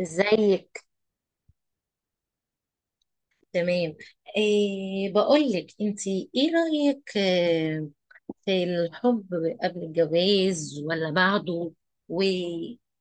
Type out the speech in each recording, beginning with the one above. ازيك. تمام. إيه بقولك، انتي ايه رأيك في الحب قبل الجواز ولا بعده وجواز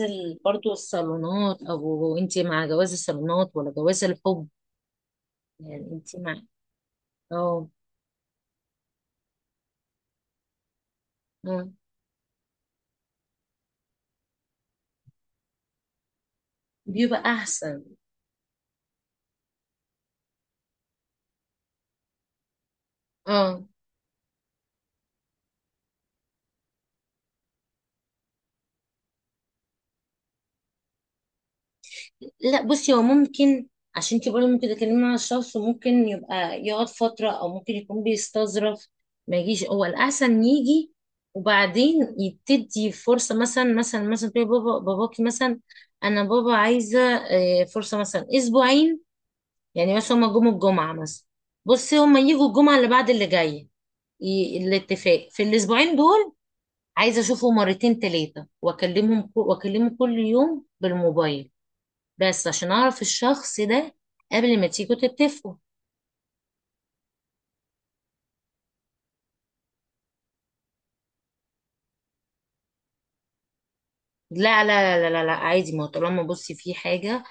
برضو الصالونات، او انتي مع جواز الصالونات ولا جواز الحب؟ يعني انتي مع اه آه، بيبقى احسن. اه. لا بصي، هو ممكن عشان انت برضه ممكن تتكلمي مع الشخص وممكن يبقى يقعد فترة او ممكن يكون بيستظرف. ما يجيش، هو الاحسن يجي وبعدين يبتدي فرصة مثلا. تقولي باباكي مثلا انا بابا عايزة فرصة مثلا اسبوعين، يعني مثلا هما جم الجمعة مثلا. بصي، هما يجوا الجمعة اللي بعد اللي جاية. الاتفاق في الاسبوعين دول عايزة اشوفه مرتين تلاتة واكلمهم واكلمه كل يوم بالموبايل بس عشان اعرف الشخص ده قبل ما تيجوا تتفقوا. لا لا لا لا لا، عادي. ما هو طالما بصي في حاجة،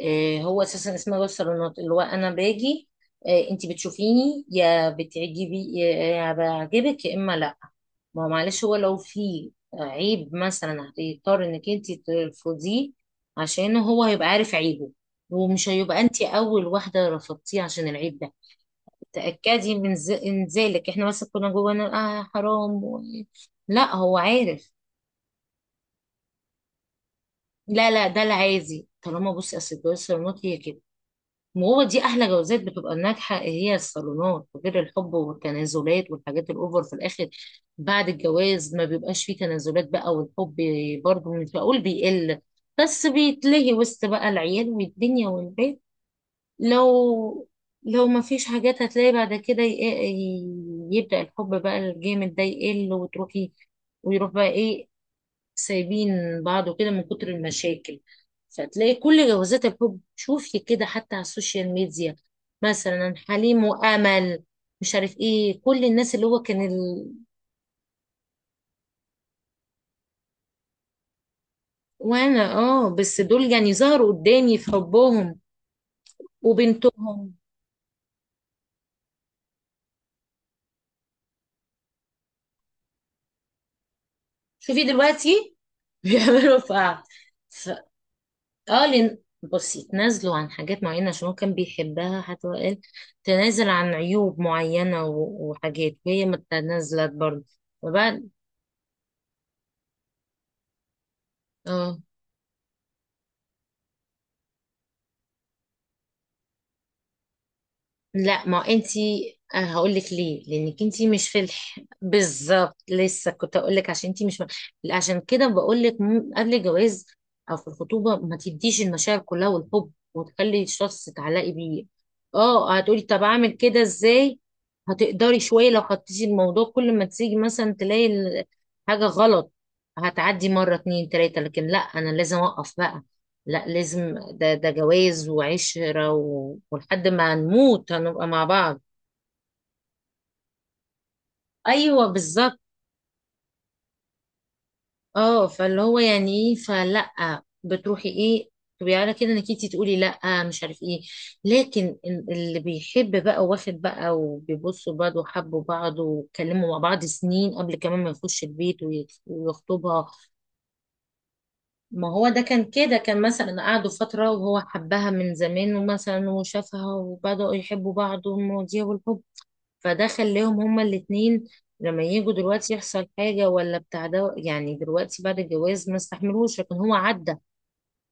هو اساسا اسمها جوز صالونات، اللي هو انا باجي، انت بتشوفيني، يا بتعجبي يا بعجبك يا اما لا. ما هو معلش، هو لو في عيب مثلا هتضطر انك انت ترفضيه عشان هو هيبقى عارف عيبه، ومش هيبقى انت اول واحدة رفضتيه عشان العيب ده. تأكدي من انزالك، احنا مثلا كنا جوه نقول اه حرام لا هو عارف. لا لا، ده العادي. طالما بصي اصل الجواز الصالونات هي كده، وهو دي احلى جوازات بتبقى ناجحه هي الصالونات، غير الحب والتنازلات والحاجات الاوفر في الاخر. بعد الجواز ما بيبقاش فيه تنازلات بقى، والحب برضه مش بقول بيقل، بس بيتلهي وسط بقى العيال والدنيا والبيت. لو لو ما فيش حاجات هتلاقي بعد كده، يبدأ الحب بقى الجامد ده يقل وتروحي ويروح بقى ايه، سايبين بعض وكده من كتر المشاكل. فتلاقي كل جوازات الحب، شوفي كده حتى على السوشيال ميديا، مثلا حليم وأمل، مش عارف ايه، كل الناس اللي هو كان وانا اه، بس دول يعني ظهروا قدامي في حبهم وبنتهم. شوفي دلوقتي بيعملوا في بعض. اه لن... بصي، تنازلوا عن حاجات معينة عشان هو كان بيحبها، حتى هو قال تنازل عن عيوب معينة وحاجات، وهي ما تنازلت برضه وبعد. اه لا، ما انتي هقول لك ليه، لانك انتي مش فلح بالظبط، لسه كنت هقول لك عشان انتي مش لا، عشان كده بقول لك قبل الجواز او في الخطوبه ما تديش المشاعر كلها والحب وتخلي الشخص تعلقي بيه. اه، هتقولي طب اعمل كده ازاي؟ هتقدري شويه لو خدتي الموضوع كل ما تيجي مثلا تلاقي حاجه غلط هتعدي مره اتنين تلاته، لكن لا، انا لازم اوقف بقى. لا لازم، ده جواز وعشرة ولحد ما نموت هنبقى مع بعض. ايوه بالظبط. اه، فاللي هو يعني ايه، فلا بتروحي ايه تبقي على كده انك انتي تقولي لا مش عارف ايه. لكن اللي بيحب بقى واخد بقى وبيبصوا بعض وحبوا بعض واتكلموا مع بعض سنين قبل كمان ما يخش البيت ويخطبها. ما هو ده كان كده، كان مثلا قعدوا فترة وهو حبها من زمان ومثلا وشافها وبدأوا يحبوا بعض والمواضيع والحب، فده خلاهم هما الاتنين لما يجوا دلوقتي يحصل حاجة ولا بتاع ده. يعني دلوقتي بعد الجواز ما استحملوش، لكن هو عدى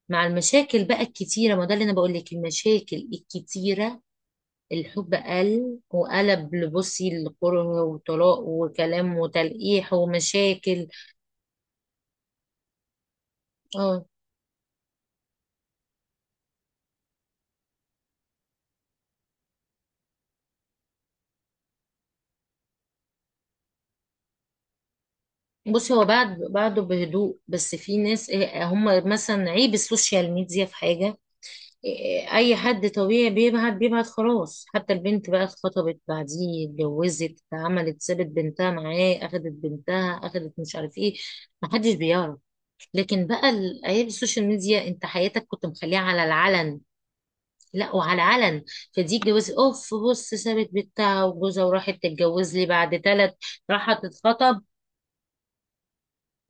مع المشاكل بقى الكتيرة. ما ده اللي أنا بقول لك، المشاكل الكتيرة الحب قل وقلب لبصي الكره وطلاق وكلام وتلقيح ومشاكل. اه بصي، هو بعده بهدوء، بس في ناس هم مثلا عيب السوشيال ميديا في حاجة. اي حد طبيعي بيبعد بيبعد خلاص، حتى البنت بقى اتخطبت بعديه اتجوزت عملت سابت بنتها معاه اخدت بنتها اخدت مش عارف ايه، محدش بيعرف. لكن بقى ايام السوشيال ميديا انت حياتك كنت مخليها على العلن. لا، وعلى العلن فدي اتجوزت، اوف بص، سابت بنتها وجوزها وراحت تتجوز لي بعد ثلاث، راحت تتخطب.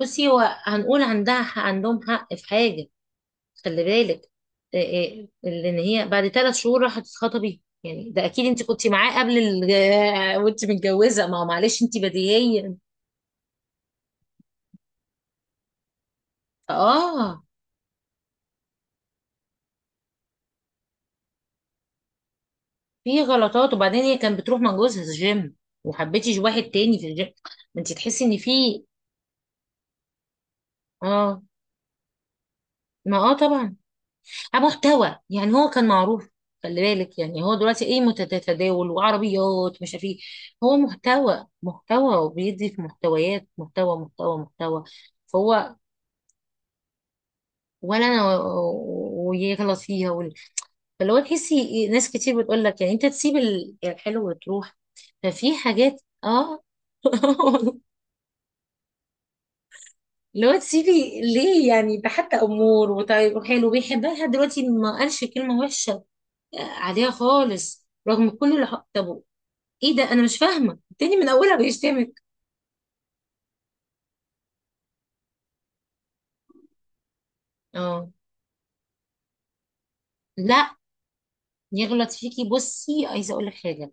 بصي، هو هنقول عندهم حق في حاجة، خلي بالك. لان هي بعد ثلاث شهور راحت تتخطبي يعني، ده اكيد انت كنت معاه قبل وانت متجوزه. ما هو معلش انت بديهيا. اه في غلطات. وبعدين هي كانت بتروح مع جوزها الجيم، وحبيتيش واحد تاني في الجيم، ما انت تحسي ان في. اه، ما اه طبعا. محتوى، يعني هو كان معروف، خلي بالك. يعني هو دلوقتي ايه تتداول وعربيات مش عارف ايه، هو محتوى محتوى وبيدي في محتويات محتوى محتوى محتوى. فهو ولا انا ويغلطيها فاللي هو تحسي ناس كتير بتقول لك يعني انت تسيب الحلو وتروح. ففي حاجات اه. اللي هو تسيبي ليه يعني؟ ده حتى امور وطيب وحلو بيحبها لحد دلوقتي ما قالش كلمه وحشه عليها خالص رغم كل اللي طب ايه ده؟ انا مش فاهمه. التاني من اولها بيشتمك. اه لا يغلط فيكي، بصي عايزه اقول لك حاجه.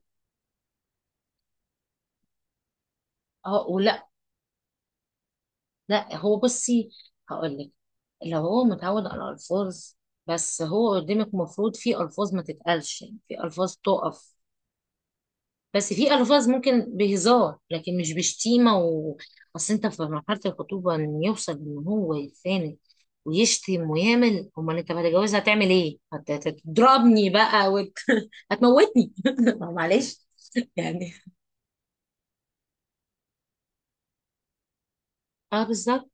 اه ولا. لا هو بصي هقول لك، لو هو متعود على الفاظ، بس هو قدامك مفروض في الفاظ ما تتقالش، يعني في الفاظ تقف. بس في الفاظ ممكن بهزار، لكن مش بشتيمه اصل انت في مرحله الخطوبه ان يوصل ان هو يتخانق ويشتم ويعمل، امال انت بعد الجواز هتعمل ايه؟ هتضربني بقى هتموتني ما معلش يعني. اه بالظبط،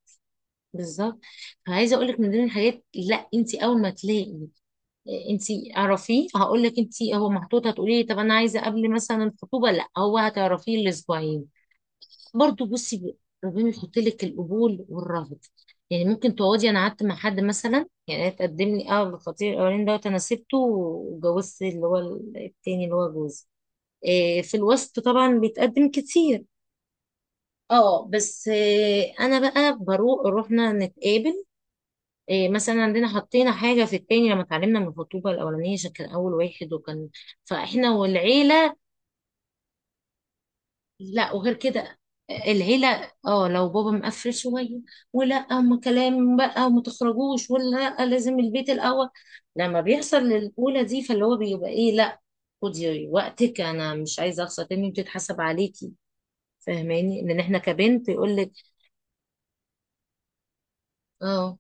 بالظبط. عايزه اقول لك، من ضمن الحاجات لا، انت اول ما تلاقي انتي اعرفيه، هقول لك انتي هو محطوط. هتقولي لي طب انا عايزه قبل مثلا الخطوبه لا، هو هتعرفيه الاسبوعين برضو. بصي ربنا يحط لك القبول والرفض. يعني ممكن تقعدي، انا قعدت مع حد مثلا، يعني تقدم لي اه الخطيب الاولاني دوت انا سبته وجوزت اللي هو التاني اللي هو جوزي. إيه، في الوسط طبعا بيتقدم كتير. اه بس إيه، انا بقى بروح، رحنا نتقابل إيه، مثلا عندنا حطينا حاجة في التاني لما اتعلمنا من الخطوبة الأولانية عشان كان أول واحد، وكان فإحنا والعيلة. لا وغير كده العيلة، اه لو بابا مقفل شوية ولا أما كلام بقى وما تخرجوش ولا، لأ لازم البيت الأول لما بيحصل الأولى دي. فاللي هو بيبقى إيه لا، خدي وقتك، أنا مش عايزة أخسر تاني بتتحسب عليكي فاهماني، لأن إحنا كبنت يقول لك اه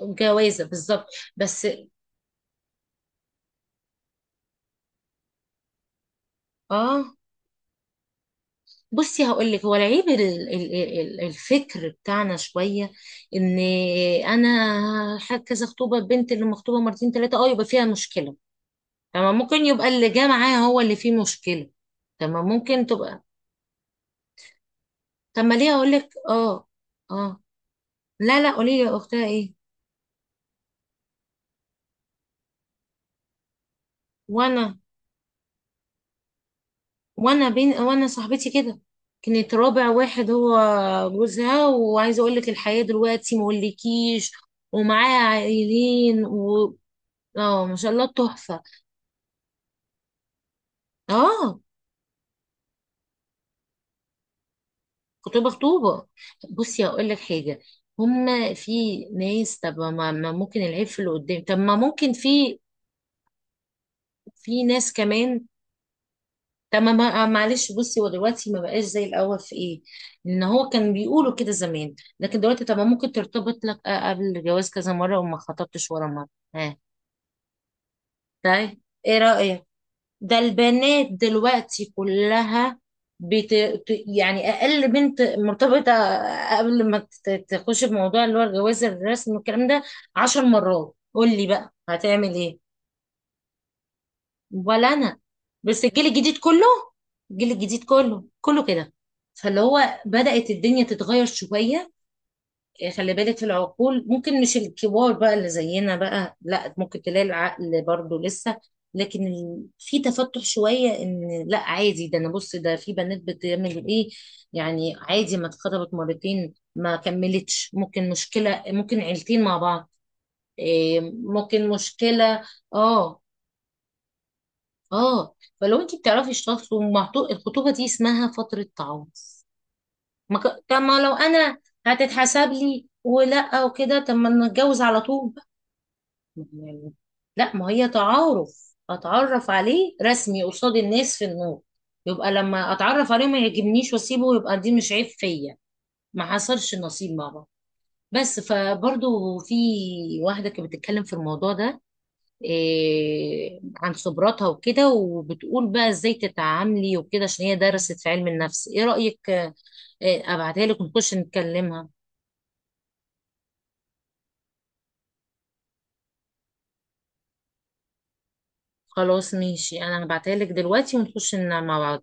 جوازة بالظبط بس. اه بصي هقول لك، هو العيب الفكر بتاعنا شويه ان انا كذا خطوبه البنت اللي مخطوبه مرتين ثلاثه اه يبقى فيها مشكله. تمام، ممكن يبقى اللي جه معاها هو اللي فيه مشكله. تمام، ممكن تبقى. طب ما ليه اقول لك، اه. اه لا لا، قولي لي يا اختها ايه. وانا وانا صاحبتي كده، كانت رابع واحد هو جوزها. وعايزه اقول لك الحياه دلوقتي مقولكيش، ومعاها عائلين اه ما شاء الله تحفة. اه خطوبة خطوبة، بصي هقول لك حاجة. هما في ناس، طب ما ممكن العيب في اللي قدام؟ طب ما ممكن في، في ناس كمان. طب معلش بصي، هو دلوقتي ما بقاش زي الأول في ايه، ان هو كان بيقولوا كده زمان، لكن دلوقتي طب ما ممكن ترتبط لك قبل الجواز كذا مرة وما خطبتش ولا مرة. ها. طيب، ايه رأيك ده البنات دلوقتي كلها بت... يعني اقل بنت مرتبطه قبل ما تخش في موضوع اللي هو الجواز الرسمي والكلام ده عشر مرات. قول لي بقى هتعمل ايه. ولا انا. بس الجيل الجديد كله، الجيل الجديد كله كده. فاللي هو بدأت الدنيا تتغير شويه. خلي بالك، في العقول ممكن مش الكبار بقى اللي زينا بقى، لا ممكن تلاقي العقل برضو لسه. لكن في تفتح شوية ان لا عادي، ده انا بص ده في بنات بتعمل ايه يعني. عادي، ما اتخطبت مرتين ما كملتش، ممكن مشكلة، ممكن عيلتين مع بعض ممكن مشكلة. اه اه. فلو انت بتعرفي تشتغلي الخطوبة دي اسمها فترة تعوض. ما ك... طب ما لو انا هتتحسب لي ولا وكده، طب ما نتجوز على طول بقى يعني؟ لا، ما هي تعارف، اتعرف عليه رسمي قصاد الناس في النور. يبقى لما اتعرف عليه ما يعجبنيش واسيبه، يبقى دي مش عيب فيا، ما حصلش نصيب مع بعض بس. فبرضو في واحدة كانت بتتكلم في الموضوع ده إيه، عن خبراتها وكده، وبتقول بقى ازاي تتعاملي وكده عشان هي درست في علم النفس. ايه رأيك ابعتها لك ونخش نتكلمها؟ خلاص ماشي، انا هبعتها لك دلوقتي ونخش ننام مع بعض.